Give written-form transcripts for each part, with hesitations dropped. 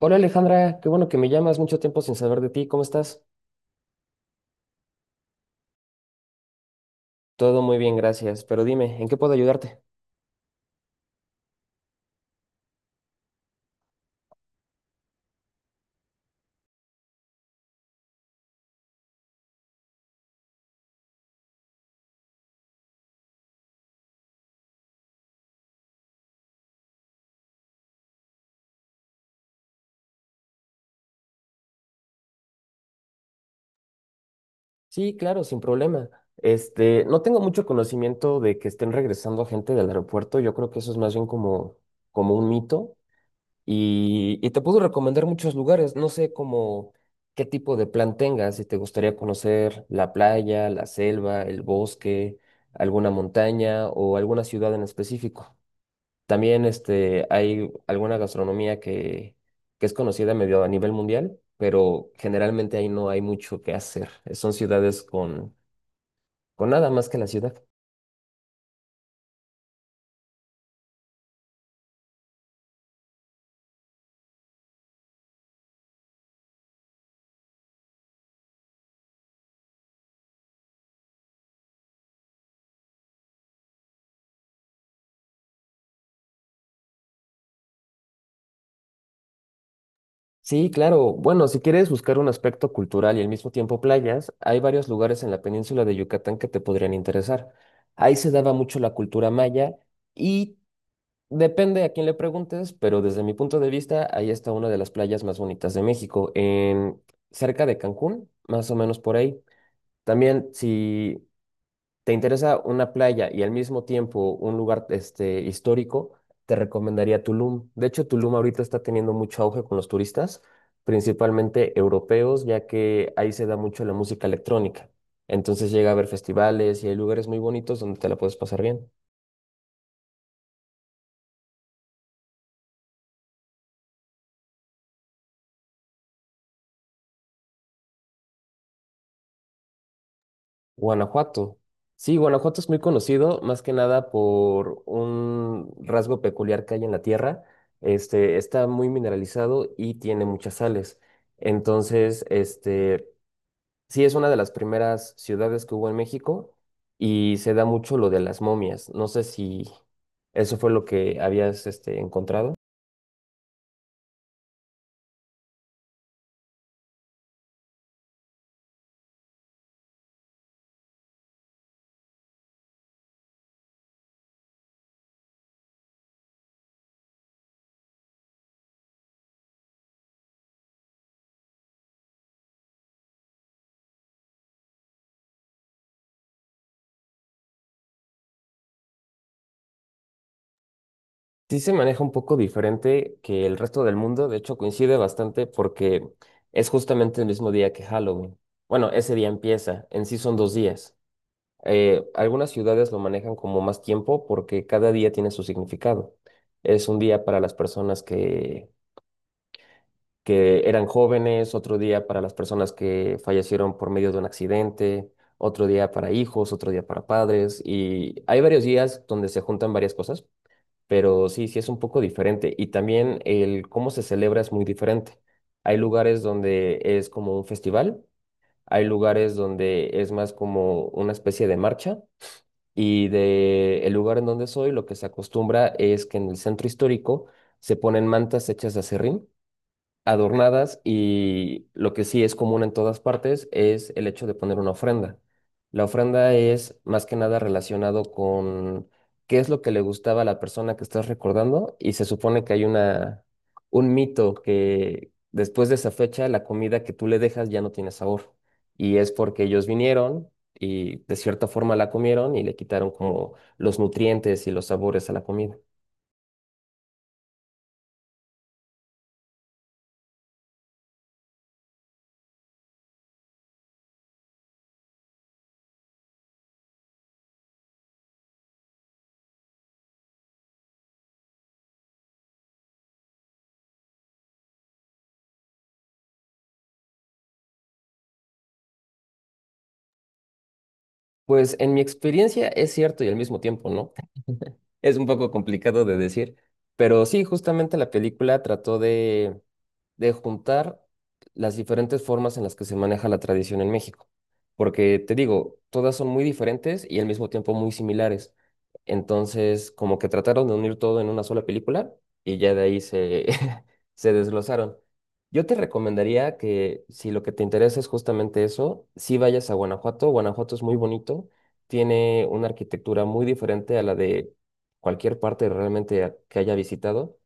Hola Alejandra, qué bueno que me llamas, mucho tiempo sin saber de ti, ¿cómo estás? Todo muy bien, gracias, pero dime, ¿en qué puedo ayudarte? Sí, claro, sin problema. Este, no tengo mucho conocimiento de que estén regresando gente del aeropuerto, yo creo que eso es más bien como un mito y te puedo recomendar muchos lugares, no sé cómo, qué tipo de plan tengas, si te gustaría conocer la playa, la selva, el bosque, alguna montaña o alguna ciudad en específico. También este, hay alguna gastronomía que es conocida medio a nivel mundial, pero generalmente ahí no hay mucho que hacer. Son ciudades con nada más que la ciudad. Sí, claro. Bueno, si quieres buscar un aspecto cultural y al mismo tiempo playas, hay varios lugares en la península de Yucatán que te podrían interesar. Ahí se daba mucho la cultura maya y depende a quién le preguntes, pero desde mi punto de vista, ahí está una de las playas más bonitas de México, cerca de Cancún, más o menos por ahí. También, si te interesa una playa y al mismo tiempo un lugar este, histórico, te recomendaría Tulum. De hecho, Tulum ahorita está teniendo mucho auge con los turistas, principalmente europeos, ya que ahí se da mucho la música electrónica. Entonces llega a haber festivales y hay lugares muy bonitos donde te la puedes pasar bien. Guanajuato. Sí, Guanajuato es muy conocido, más que nada por un rasgo peculiar que hay en la tierra. Este, está muy mineralizado y tiene muchas sales. Entonces, este, sí es una de las primeras ciudades que hubo en México y se da mucho lo de las momias. No sé si eso fue lo que habías, este, encontrado. Sí se maneja un poco diferente que el resto del mundo, de hecho coincide bastante porque es justamente el mismo día que Halloween. Bueno, ese día empieza, en sí son dos días. Algunas ciudades lo manejan como más tiempo porque cada día tiene su significado. Es un día para las personas que eran jóvenes, otro día para las personas que fallecieron por medio de un accidente, otro día para hijos, otro día para padres y hay varios días donde se juntan varias cosas. Pero sí, sí es un poco diferente. Y también el cómo se celebra es muy diferente. Hay lugares donde es como un festival, hay lugares donde es más como una especie de marcha. Y de el lugar en donde soy, lo que se acostumbra es que en el centro histórico se ponen mantas hechas de aserrín adornadas y lo que sí es común en todas partes es el hecho de poner una ofrenda. La ofrenda es más que nada relacionado con qué es lo que le gustaba a la persona que estás recordando y se supone que hay un mito que después de esa fecha la comida que tú le dejas ya no tiene sabor y es porque ellos vinieron y de cierta forma la comieron y le quitaron como los nutrientes y los sabores a la comida. Pues en mi experiencia es cierto y al mismo tiempo, ¿no? Es un poco complicado de decir, pero sí, justamente la película trató de juntar las diferentes formas en las que se maneja la tradición en México. Porque te digo, todas son muy diferentes y al mismo tiempo muy similares. Entonces, como que trataron de unir todo en una sola película y ya de ahí se, se desglosaron. Yo te recomendaría que si lo que te interesa es justamente eso, sí vayas a Guanajuato. Guanajuato es muy bonito, tiene una arquitectura muy diferente a la de cualquier parte realmente que haya visitado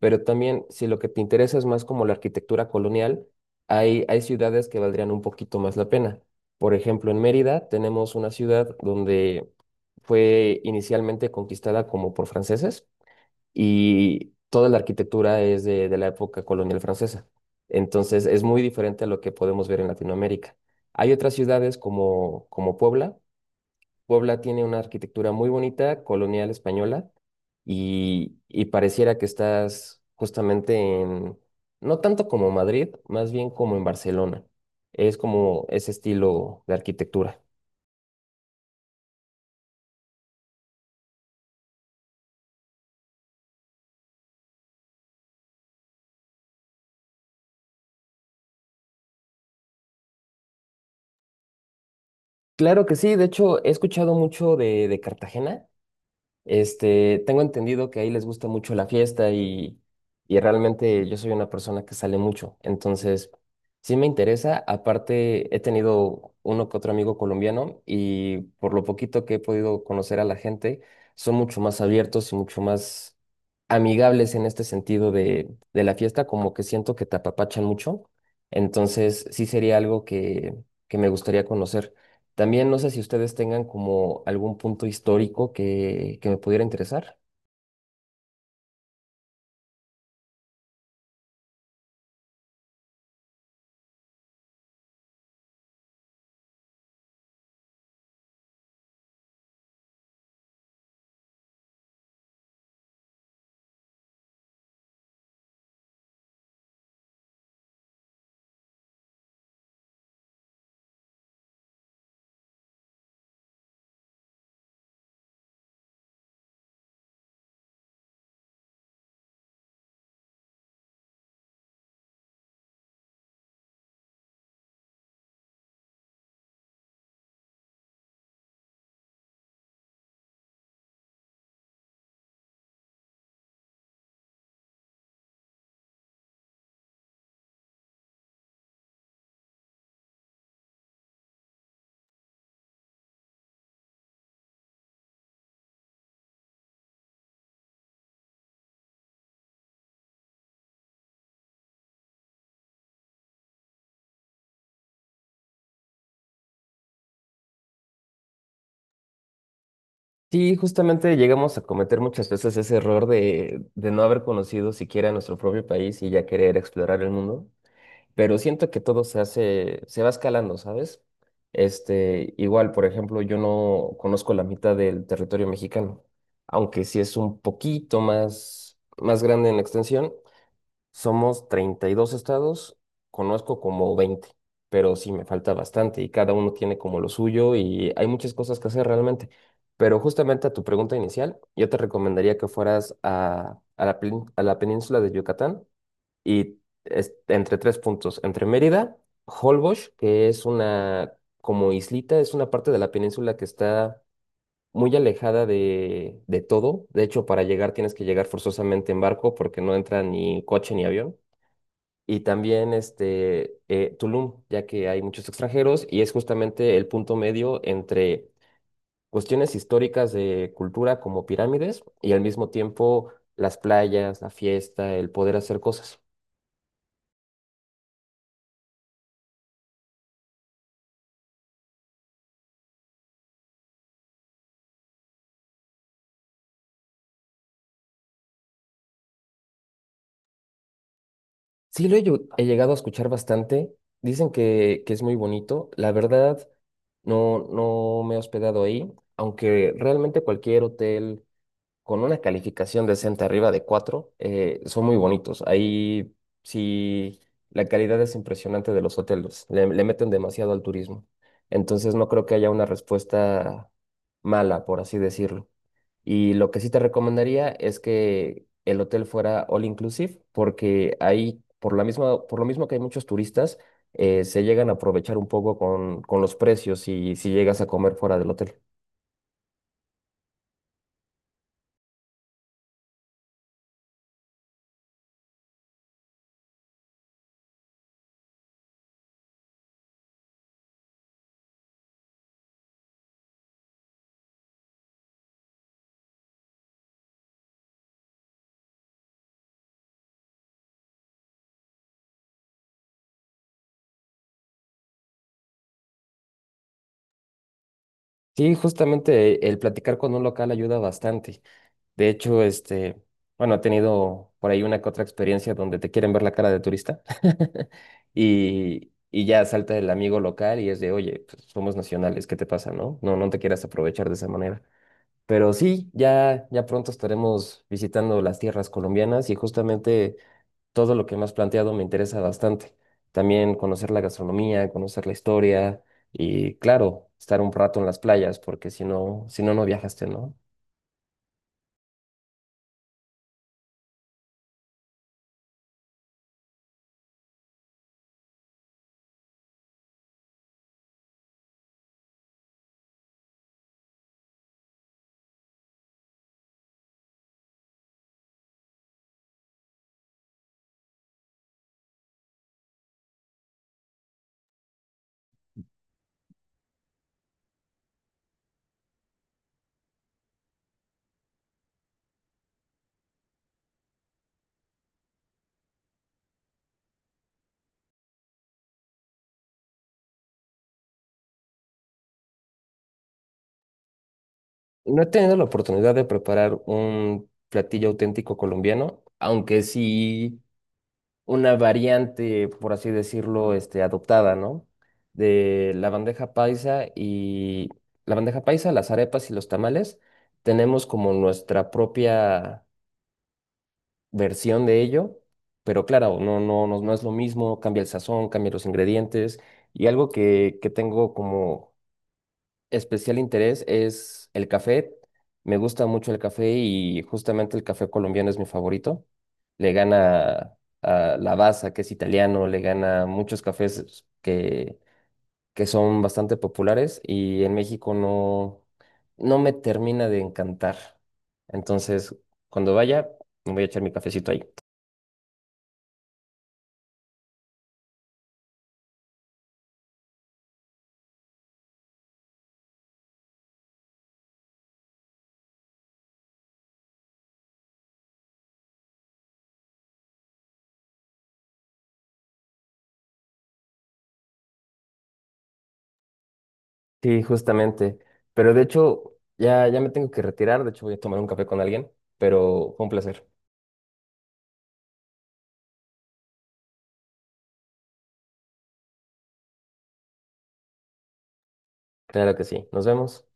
pero también si lo que te interesa es más como la arquitectura colonial, hay ciudades que valdrían un poquito más la pena. Por ejemplo, en Mérida tenemos una ciudad donde fue inicialmente conquistada como por franceses y toda la arquitectura es de la época colonial francesa. Entonces es muy diferente a lo que podemos ver en Latinoamérica. Hay otras ciudades como Puebla. Puebla tiene una arquitectura muy bonita, colonial española, y pareciera que estás justamente no tanto como Madrid, más bien como en Barcelona. Es como ese estilo de arquitectura. Claro que sí, de hecho he escuchado mucho de Cartagena. Este, tengo entendido que ahí les gusta mucho la fiesta y realmente yo soy una persona que sale mucho. Entonces, sí me interesa. Aparte, he tenido uno que otro amigo colombiano y por lo poquito que he podido conocer a la gente, son mucho más abiertos y mucho más amigables en este sentido de la fiesta, como que siento que te apapachan mucho. Entonces, sí sería algo que me gustaría conocer. También no sé si ustedes tengan como algún punto histórico que me pudiera interesar. Sí, justamente llegamos a cometer muchas veces ese error de no haber conocido siquiera nuestro propio país y ya querer explorar el mundo. Pero siento que todo se hace, se va escalando, ¿sabes? Este, igual, por ejemplo, yo no conozco la mitad del territorio mexicano, aunque sí es un poquito más, más grande en extensión. Somos 32 estados, conozco como 20 pero sí me falta bastante y cada uno tiene como lo suyo y hay muchas cosas que hacer realmente. Pero justamente a tu pregunta inicial, yo te recomendaría que fueras a la península de Yucatán y entre tres puntos, entre Mérida, Holbox, que es una como islita, es una parte de la península que está muy alejada de todo. De hecho, para llegar tienes que llegar forzosamente en barco porque no entra ni coche ni avión y también este, Tulum, ya que hay muchos extranjeros y es justamente el punto medio entre cuestiones históricas de cultura como pirámides y al mismo tiempo las playas, la fiesta, el poder hacer cosas. Sí, he llegado a escuchar bastante. Dicen que es muy bonito. La verdad, no, no me he hospedado ahí, aunque realmente cualquier hotel con una calificación decente arriba de 4, son muy bonitos. Ahí sí, la calidad es impresionante de los hoteles. Le meten demasiado al turismo. Entonces no creo que haya una respuesta mala, por así decirlo. Y lo que sí te recomendaría es que el hotel fuera all inclusive, porque ahí, por la misma, por lo mismo que hay muchos turistas, se llegan a aprovechar un poco con los precios y si llegas a comer fuera del hotel. Sí, justamente el platicar con un local ayuda bastante. De hecho, este, bueno, he tenido por ahí una que otra experiencia donde te quieren ver la cara de turista y ya salta el amigo local y es de, oye, pues, somos nacionales, ¿qué te pasa, no? No, no te quieras aprovechar de esa manera. Pero sí, ya, ya pronto estaremos visitando las tierras colombianas y justamente todo lo que me has planteado me interesa bastante. También conocer la gastronomía, conocer la historia y, claro, estar un rato en las playas porque si no, si no, no viajaste, ¿no? No he tenido la oportunidad de preparar un platillo auténtico colombiano, aunque sí una variante, por así decirlo, este, adoptada, ¿no? De la bandeja paisa y la bandeja paisa, las arepas y los tamales, tenemos como nuestra propia versión de ello, pero claro, no, no, no, no es lo mismo, cambia el sazón, cambia los ingredientes y algo que tengo como especial interés es el café. Me gusta mucho el café y justamente el café colombiano es mi favorito. Le gana a Lavazza, que es italiano, le gana muchos cafés que son bastante populares y en México no, no me termina de encantar. Entonces, cuando vaya, me voy a echar mi cafecito ahí. Sí, justamente. Pero de hecho, ya, ya me tengo que retirar. De hecho, voy a tomar un café con alguien, pero fue un placer. Claro que sí. Nos vemos.